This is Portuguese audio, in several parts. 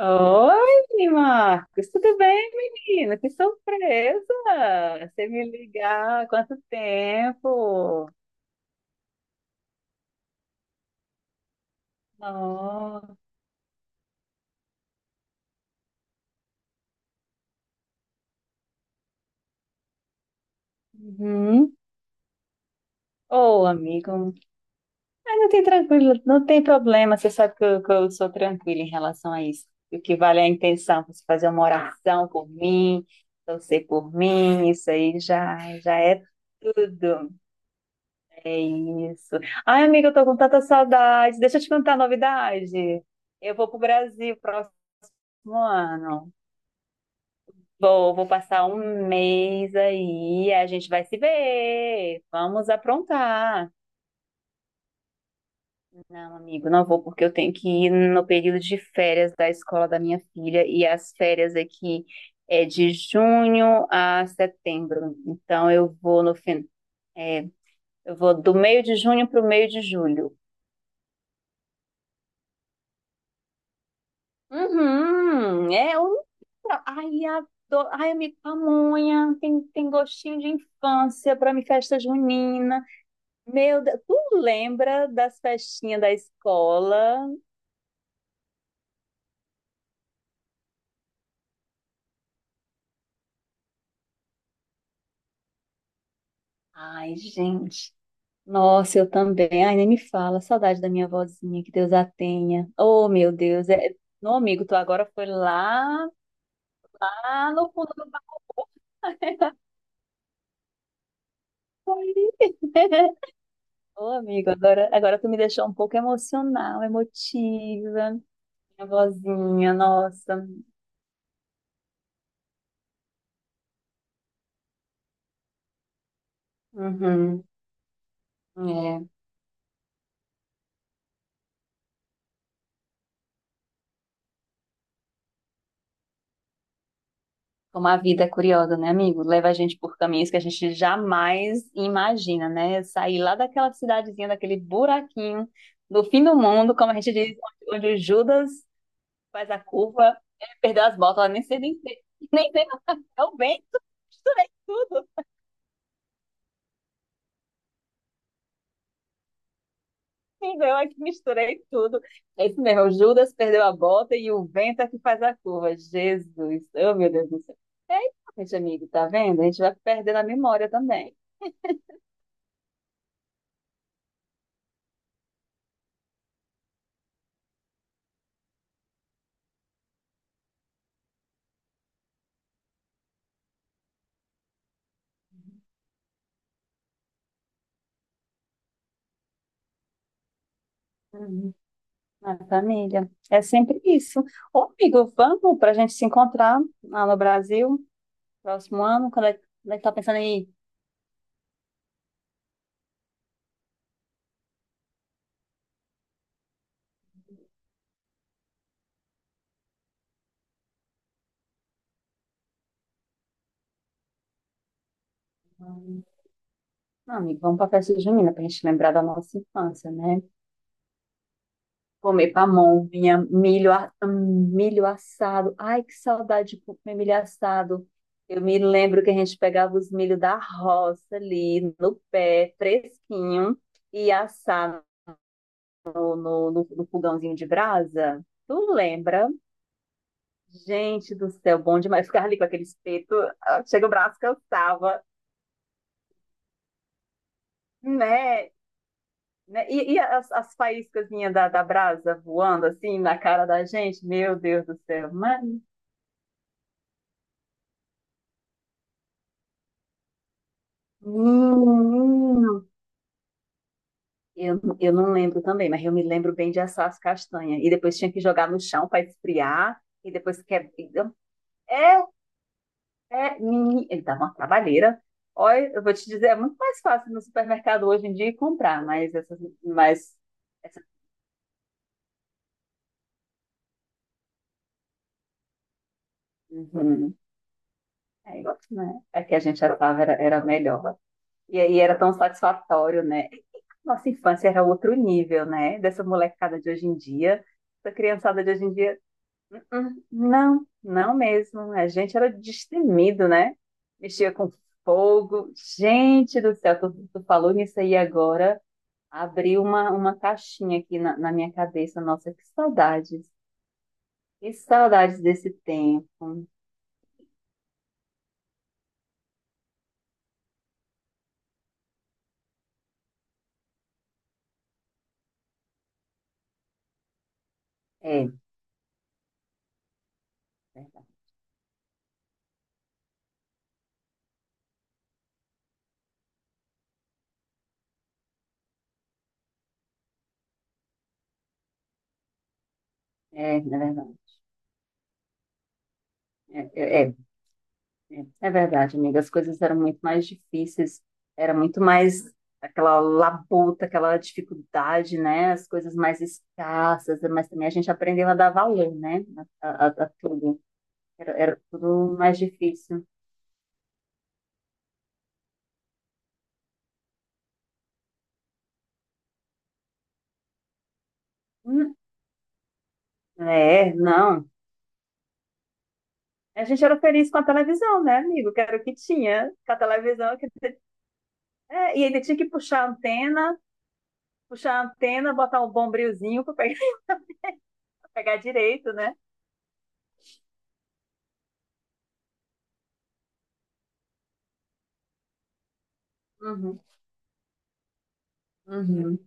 Oi, Marcos, tudo bem, menina? Que surpresa! Você me ligar, há quanto tempo? Oh, uhum. Oh, amigo, ah, não tem tranquilo, não tem problema, você sabe que eu sou tranquila em relação a isso. O que vale é a intenção, você fazer uma oração por mim, torcer por mim, isso aí já é tudo. É isso. Ai, amiga, eu tô com tanta saudade. Deixa eu te contar a novidade. Eu vou pro Brasil próximo ano. Vou passar um mês aí, a gente vai se ver. Vamos aprontar. Não, amigo, não vou porque eu tenho que ir no período de férias da escola da minha filha e as férias aqui é de junho a setembro. Então eu vou no fim, é, eu vou do meio de junho para o meio de julho. Uhum, é um. Ai, adoro. Ai, amigo pamonha, tem gostinho de infância para mim, festa junina. Meu Deus, tu lembra das festinhas da escola? Ai, gente. Nossa, eu também. Ai, nem me fala. Saudade da minha vozinha que Deus a tenha. Oh, meu Deus. É... Não, amigo, tu agora foi lá no fundo do baú. Ô, amigo, agora tu me deixou um pouco emocional, emotiva. Minha vozinha, nossa. Uhum. É. Como a vida é curiosa, né, amigo? Leva a gente por caminhos que a gente jamais imagina, né? Sair lá daquela cidadezinha, daquele buraquinho do fim do mundo, como a gente diz, onde o Judas faz a curva, ele perdeu as botas, ela nem sei, nem sei, nem sei, não, é o vento, misturei tudo. Menina, eu aqui misturei tudo. É isso mesmo, o Judas perdeu a bota e o vento é que faz a curva. Jesus, oh meu Deus do céu. É isso, amigo, tá vendo? A gente vai perdendo a memória também. Uhum. Na família. É sempre isso. Ô, amigo, vamos para a gente se encontrar lá no Brasil, próximo ano, quando é que tá pensando em ir? Não, amigo, vamos para a festa junina para a gente lembrar da nossa infância, né? Comer pamonha, milho assado. Ai, que saudade de comer milho assado. Eu me lembro que a gente pegava os milho da roça ali, no pé, fresquinho, e assava no fogãozinho de brasa. Tu lembra? Gente do céu, bom demais. Ficava ali com aquele espeto, ah, chega o braço cansava, né? Né? E as faíscazinhas da brasa voando assim na cara da gente, meu Deus do céu, mas menino, eu não lembro também, mas eu me lembro bem de assar as castanhas. E depois tinha que jogar no chão para esfriar. E depois que É, então, é, ele dá uma trabalheira. Olha, eu vou te dizer, é muito mais fácil no supermercado hoje em dia comprar, mas essa uhum. É, igual, né? É que a gente achava era melhor. E aí era tão satisfatório, né? Nossa infância era outro nível, né? Dessa molecada de hoje em dia. Essa criançada de hoje em dia não, não mesmo. A gente era destemido, né? Mexia com fogo. Gente do céu, tu falou nisso aí agora. Abriu uma caixinha aqui na minha cabeça. Nossa, que saudades. Que saudades desse tempo. É, verdade. É verdade. É, é, é. É verdade, amiga. As coisas eram muito mais difíceis, era muito mais aquela labuta, aquela dificuldade, né? As coisas mais escassas, mas também a gente aprendeu a dar valor, né? A tudo. Era tudo mais difícil. Hum, É, não. A gente era feliz com a televisão, né, amigo? Que era o que tinha com a televisão. É, e ainda tinha que puxar a antena, botar um bombrilzinho para pegar, pegar direito, né? Uhum, uhum.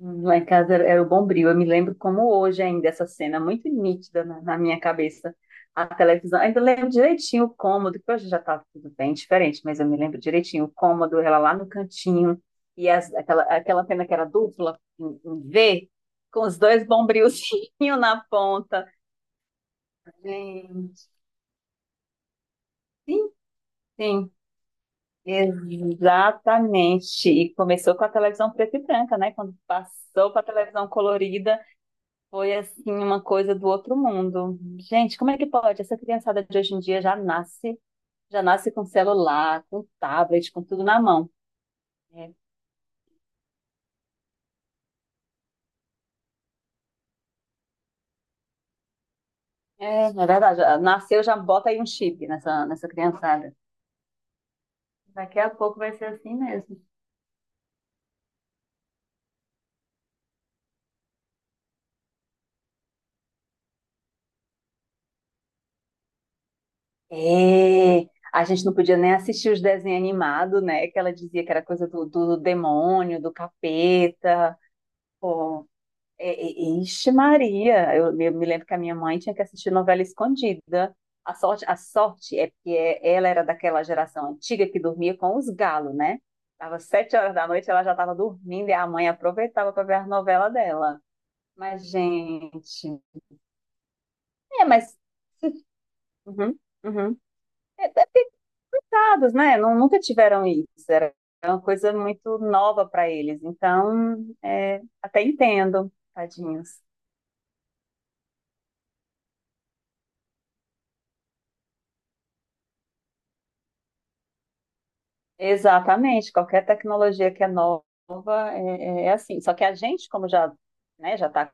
Lá em casa era o Bombril. Eu me lembro como hoje ainda essa cena muito nítida na minha cabeça. A televisão, ainda lembro direitinho o cômodo, que hoje já está tudo bem diferente, mas eu me lembro direitinho o cômodo, ela lá no cantinho, e aquela antena que era dupla, em V, com os dois bombrilzinhos na ponta. Gente, sim, sim, exatamente. E começou com a televisão preta e branca, né? Quando passou para a televisão colorida. Foi assim uma coisa do outro mundo. Gente, como é que pode? Essa criançada de hoje em dia já nasce com celular, com tablet, com tudo na mão. É, é verdade. Já nasceu, já bota aí um chip nessa criançada. Daqui a pouco vai ser assim mesmo. É, a gente não podia nem assistir os desenhos animados, né? Que ela dizia que era coisa do, do demônio, do capeta. Ixi, Maria, eu, me me lembro que a minha mãe tinha que assistir novela escondida. A sorte é porque é- ela era daquela geração antiga que dormia com os galos, né? Tava sete horas da noite, ela já estava dormindo e a mãe aproveitava para ver a novela dela. Mas, gente, é, mas uhum, uhum. É picados, né? Não, nunca tiveram isso. Era uma coisa muito nova para eles. Então, até entendo, tadinhos. Exatamente, qualquer tecnologia que é nova é assim. Só que a gente, como já, né, já tá,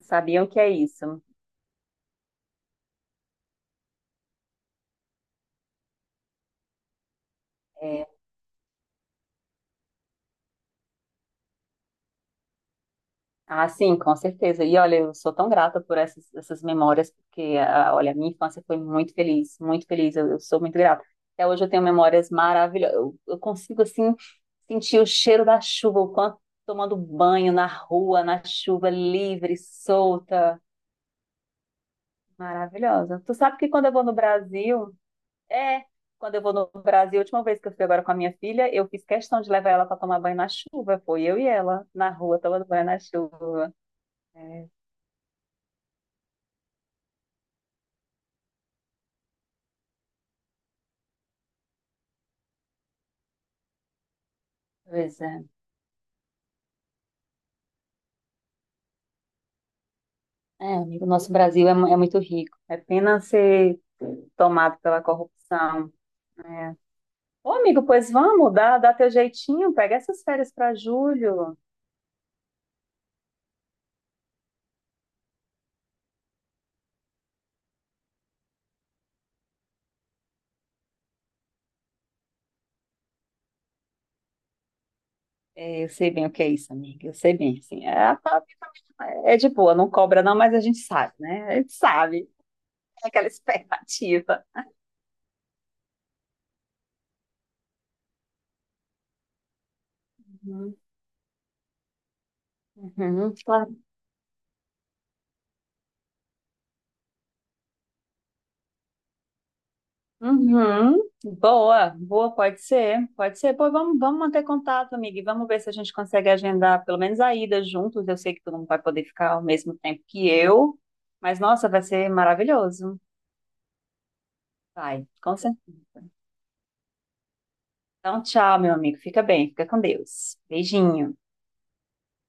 sabiam que é isso. É, ah, sim, com certeza. E olha, eu sou tão grata por essas, essas memórias, porque, ah, olha, a minha infância foi muito feliz, eu sou muito grata. Até hoje eu tenho memórias maravilhosas, eu consigo, assim, sentir o cheiro da chuva, o quanto tomando banho na rua, na chuva livre, solta, maravilhosa. Tu sabe que quando eu vou no Brasil, é, quando eu vou no Brasil, a última vez que eu fui agora com a minha filha, eu fiz questão de levar ela para tomar banho na chuva. Foi eu e ela na rua tomando banho na chuva. É, pois é. É, amigo, o nosso Brasil é muito rico. É pena ser tomado pela corrupção. É. Ô, amigo, pois vamos, dá teu jeitinho, pega essas férias para julho. É, eu sei bem o que é isso, amiga. Eu sei bem, assim. É, a Fábio é de boa, não cobra não, mas a gente sabe, né? A gente sabe. É aquela expectativa. Uhum. Uhum, claro. Uhum. Boa, boa, pode ser, pode ser. Pô, vamos, vamos manter contato, amiga, e vamos ver se a gente consegue agendar pelo menos a ida juntos. Eu sei que tu não vai poder ficar ao mesmo tempo que eu, mas nossa, vai ser maravilhoso. Vai, com certeza. Então, tchau, meu amigo. Fica bem, fica com Deus. Beijinho.